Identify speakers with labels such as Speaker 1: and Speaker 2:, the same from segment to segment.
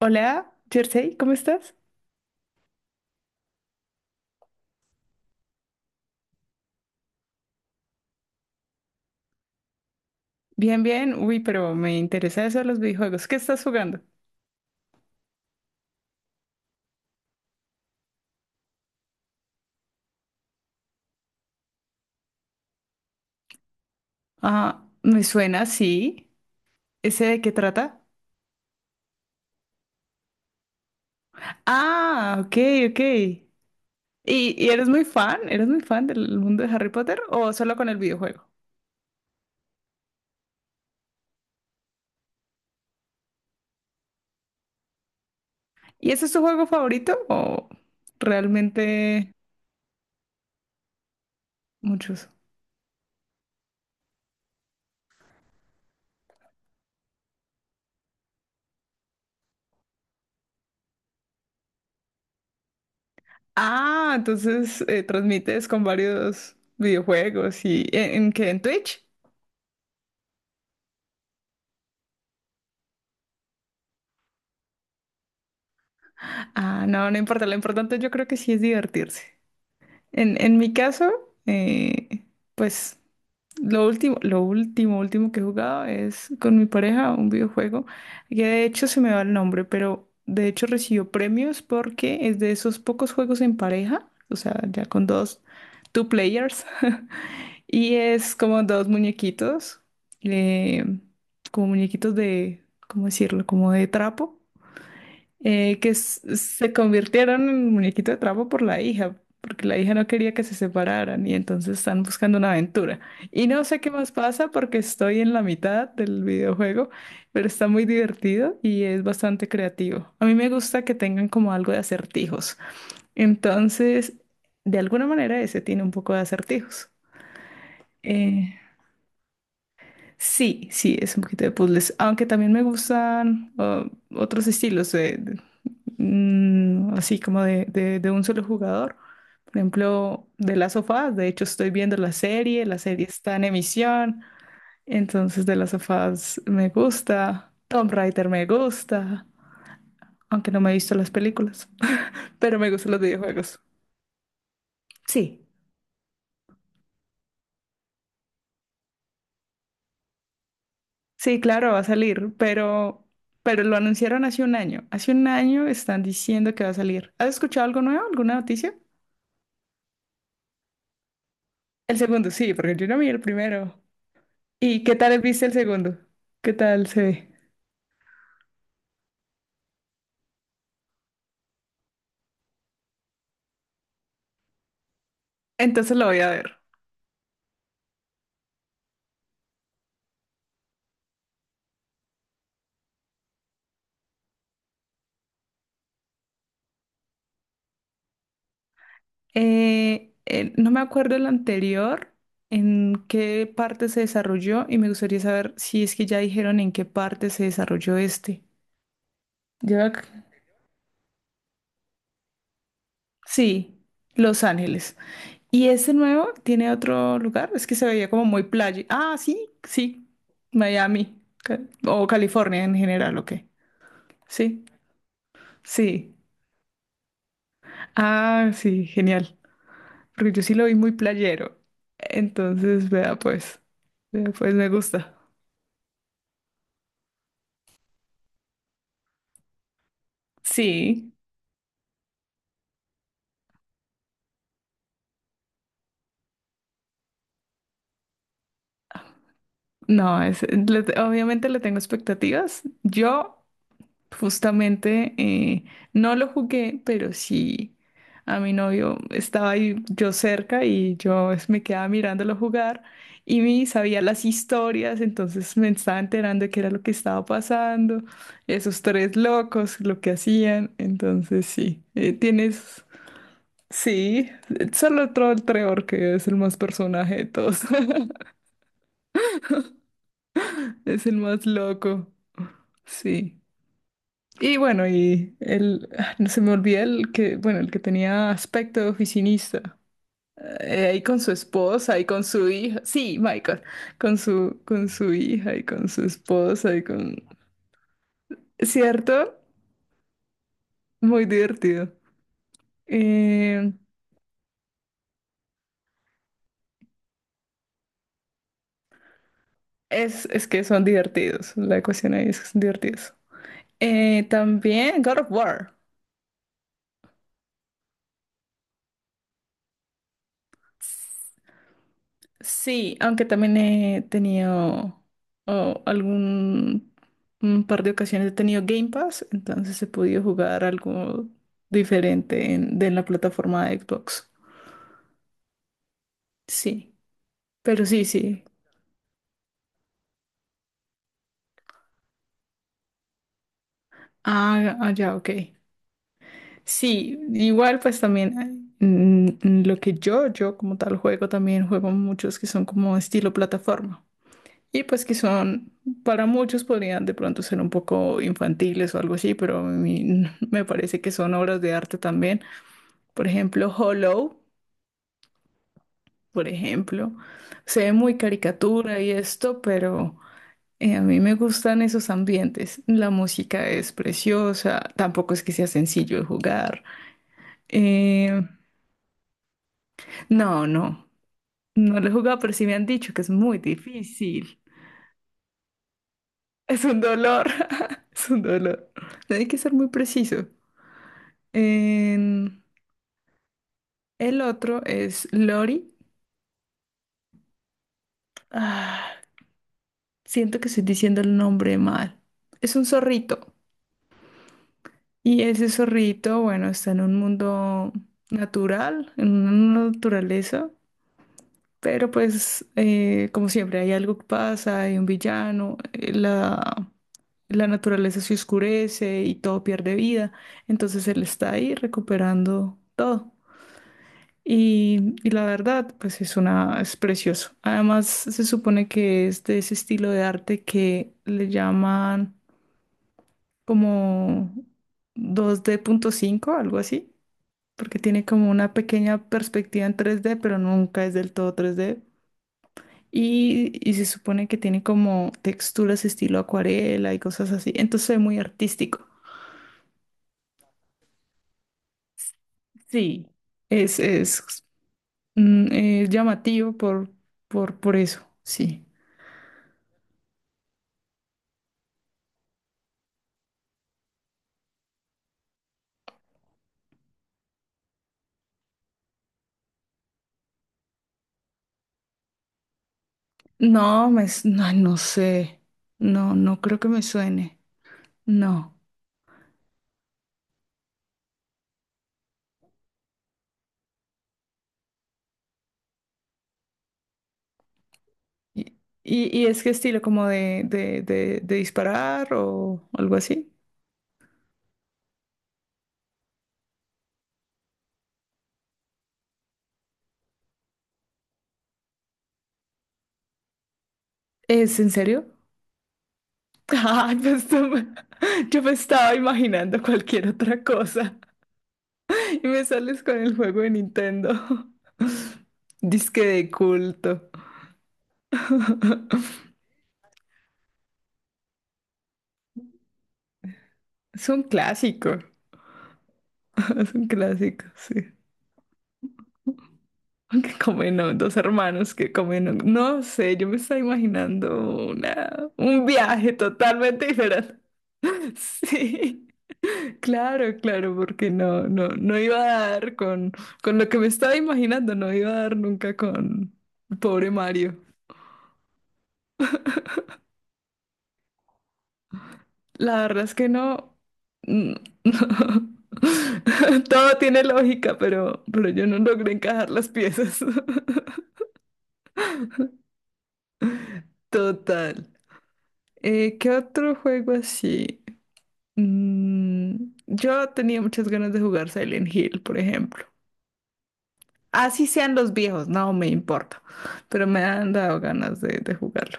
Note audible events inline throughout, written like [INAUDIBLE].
Speaker 1: Hola, Jersey, ¿cómo estás? Bien, bien. Uy, pero me interesa eso de los videojuegos. ¿Qué estás jugando? Ah, me suena, sí. ¿Ese de qué trata? Ah, ok, ok. ¿Y eres muy fan? ¿Eres muy fan del mundo de Harry Potter o solo con el videojuego? ¿Y ese es tu juego favorito o realmente muchos? Ah, entonces transmites con varios videojuegos y ¿en qué? ¿En Twitch? Ah, no, no importa. Lo importante yo creo que sí es divertirse. En mi caso, eh, pues lo último que he jugado es con mi pareja un videojuego que de hecho se me va el nombre, pero de hecho recibió premios porque es de esos pocos juegos en pareja, o sea, ya con dos, two players, [LAUGHS] y es como dos muñequitos, eh, como muñequitos de, ¿cómo decirlo? Como de trapo que se convirtieron en muñequito de trapo por la hija, porque la hija no quería que se separaran y entonces están buscando una aventura. Y no sé qué más pasa porque estoy en la mitad del videojuego, pero está muy divertido y es bastante creativo. A mí me gusta que tengan como algo de acertijos. Entonces, de alguna manera ese tiene un poco de acertijos. Eh, Sí, sí, es un poquito de puzzles, aunque también me gustan otros estilos de, así como de, de un solo jugador. Por ejemplo, de las sofás, de hecho estoy viendo la serie está en emisión, entonces de las sofás me gusta, Tomb Raider me gusta, aunque no me he visto las películas, [LAUGHS] pero me gustan los videojuegos. Sí. Sí, claro, va a salir, pero lo anunciaron hace un año. Hace un año están diciendo que va a salir. ¿Has escuchado algo nuevo? ¿Alguna noticia? El segundo, sí, porque yo no vi el primero. ¿Y qué tal viste el segundo? ¿Qué tal se ve? Entonces lo voy a ver. No me acuerdo el anterior, en qué parte se desarrolló, y me gustaría saber si es que ya dijeron en qué parte se desarrolló este. Yo ac- Sí, Los Ángeles. ¿Y ese nuevo tiene otro lugar? Es que se veía como muy playa. Ah, sí, sí. Miami. O California en general, ¿o qué? Sí, sí. Ah, sí, genial. Porque yo sí lo vi muy playero. Entonces, vea pues. Vea pues, me gusta. Sí. No, obviamente le tengo expectativas. Yo. Justamente no lo jugué, pero sí a mi novio estaba ahí yo cerca y me quedaba mirándolo jugar y me sabía las historias, entonces me estaba enterando de qué era lo que estaba pasando, esos tres locos, lo que hacían, entonces sí, sí, solo Troll Trevor, que es el más personaje de todos, [LAUGHS] es el más loco, sí. Y bueno, no se me olvida el que, bueno, el que tenía aspecto de oficinista. Ahí con su esposa y con su hija. Sí, Michael, con su, hija y con su esposa y con... ¿Cierto? Muy divertido. Eh, es que son divertidos. La ecuación ahí es que son divertidos. También God of War. Sí, aunque también he tenido o algún un par de ocasiones he tenido Game Pass, entonces he podido jugar algo diferente de la plataforma de Xbox. Sí, pero sí, sí. Ah, ya, ok. Sí, igual pues también lo que yo como tal juego, también juego muchos que son como estilo plataforma. Y pues que son, para muchos podrían de pronto ser un poco infantiles o algo así, pero a mí [LAUGHS] me parece que son obras de arte también. Por ejemplo, Hollow, por ejemplo, se ve muy caricatura y esto, pero a mí me gustan esos ambientes. La música es preciosa, tampoco es que sea sencillo de jugar. Eh, no, no, no lo he jugado, pero sí me han dicho que es muy difícil. [LAUGHS] Es un dolor, [LAUGHS] es un dolor. Hay que ser muy preciso. En- el otro es Lori. Ah, siento que estoy diciendo el nombre mal. Es un zorrito. Y ese zorrito, bueno, está en un mundo natural, en una naturaleza. Pero pues, como siempre, hay algo que pasa, hay un villano, la naturaleza se oscurece y todo pierde vida. Entonces él está ahí recuperando todo. Y la verdad, pues es precioso. Además, se supone que es de ese estilo de arte que le llaman como 2.5D, algo así, porque tiene como una pequeña perspectiva en 3D, pero nunca es del todo 3D. Y se supone que tiene como texturas estilo acuarela y cosas así. Entonces es muy artístico. Sí. Es, es, es llamativo por eso, sí. No, no, no sé. No, no creo que me suene. No. ¿Y, y es qué estilo como de disparar o algo así? ¿Es en serio? [LAUGHS] Ay, pues, [LAUGHS] yo me estaba imaginando cualquier otra cosa [LAUGHS] y me sales con el juego de Nintendo. [LAUGHS] Disque de culto. [LAUGHS] Es un clásico. [LAUGHS] Es un clásico, sí. [LAUGHS] Que comen, ¿no? Dos hermanos que comen, ¿no? No sé, yo me estaba imaginando un viaje totalmente diferente. [LAUGHS] Sí, claro, claro, porque no, no, no iba a dar con lo que me estaba imaginando, no iba a dar nunca con pobre Mario. La verdad es que no, mm, [LAUGHS] no. Todo tiene lógica, pero yo no logré encajar las piezas. [LAUGHS] Total. ¿Qué otro juego así? Yo tenía muchas ganas de jugar Silent Hill, por ejemplo. Así sean los viejos, no me importa, pero me han dado ganas de jugarlo.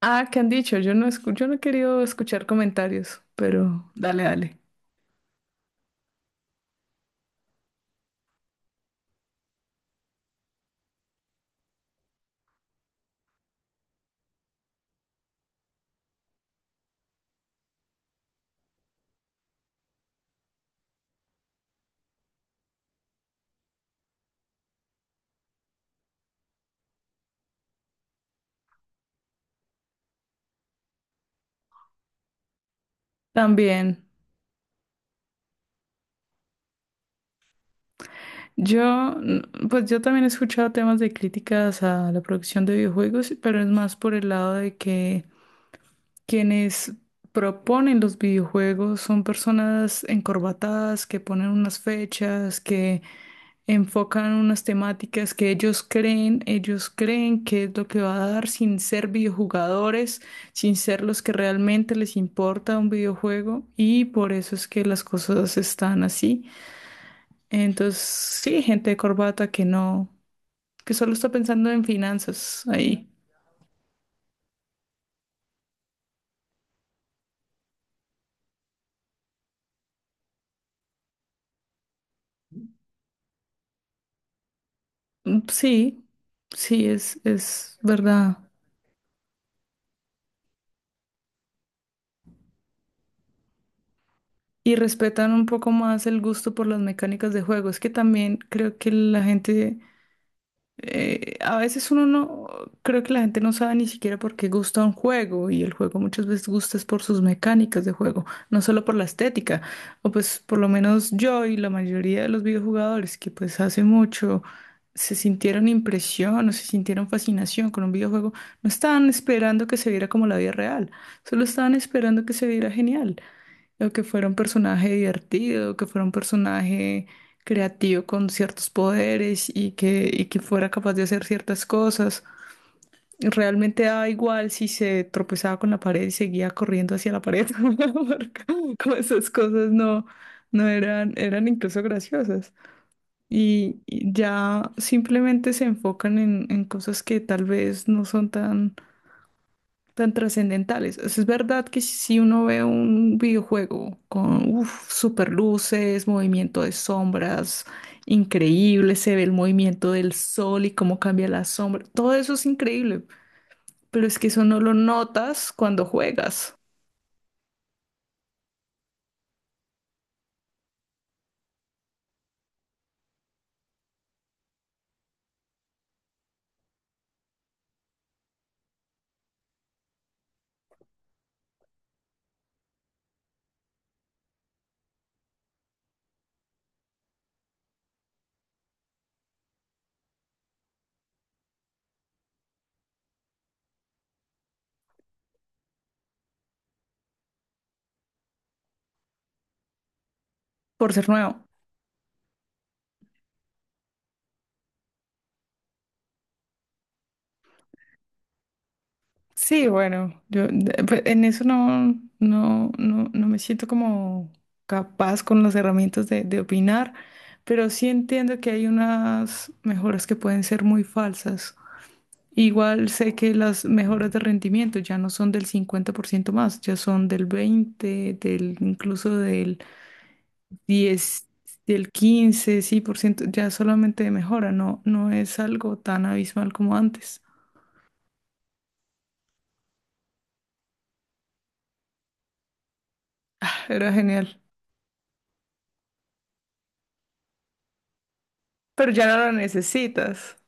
Speaker 1: Ah, ¿qué han dicho? Yo no he querido escuchar comentarios, pero dale, dale. También. Yo, pues yo también he escuchado temas de críticas a la producción de videojuegos, pero es más por el lado de que quienes proponen los videojuegos son personas encorbatadas que ponen unas fechas, que enfocan unas temáticas que ellos creen que es lo que va a dar sin ser videojugadores, sin ser los que realmente les importa un videojuego y por eso es que las cosas están así. Entonces, sí, gente de corbata que no, que solo está pensando en finanzas ahí. Mm, sí, sí, es verdad. Y respetan un poco más el gusto por las mecánicas de juego. Es que también creo que la gente, a veces uno no, creo que la gente no sabe ni siquiera por qué gusta un juego y el juego muchas veces gusta es por sus mecánicas de juego, no solo por la estética, o pues por lo menos yo y la mayoría de los videojugadores que pues hace mucho... se sintieron impresión o se sintieron fascinación con un videojuego, no estaban esperando que se viera como la vida real, solo estaban esperando que se viera genial o que fuera un personaje divertido, o que fuera un personaje creativo con ciertos poderes y que fuera capaz de hacer ciertas cosas. Realmente daba igual si se tropezaba con la pared y seguía corriendo hacia la pared, [LAUGHS] porque como esas cosas no eran incluso graciosas. Y ya simplemente se enfocan en cosas que tal vez no son tan tan trascendentales. O sea, es verdad que si uno ve un videojuego con uf, super luces, movimiento de sombras, increíble, se ve el movimiento del sol y cómo cambia la sombra, todo eso es increíble, pero es que eso no lo notas cuando juegas, por ser nuevo. Sí, bueno, pues, en eso no, no me siento como capaz con las herramientas de opinar, pero sí entiendo que hay unas mejoras que pueden ser muy falsas. Igual sé que las mejoras de rendimiento ya no son del 50% más, ya son del 20, del incluso del 10, del 15, sí, por ciento, ya solamente de mejora, no es algo tan abismal como antes. Era genial, pero ya no lo necesitas.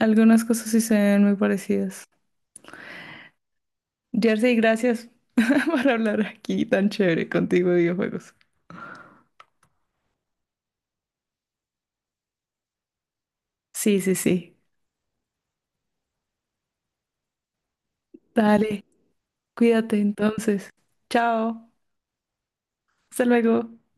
Speaker 1: Algunas cosas sí se ven muy parecidas. Jersey, gracias [LAUGHS] por hablar aquí tan chévere contigo de videojuegos. Sí, sí, sí. Dale, cuídate entonces. Chao, hasta luego.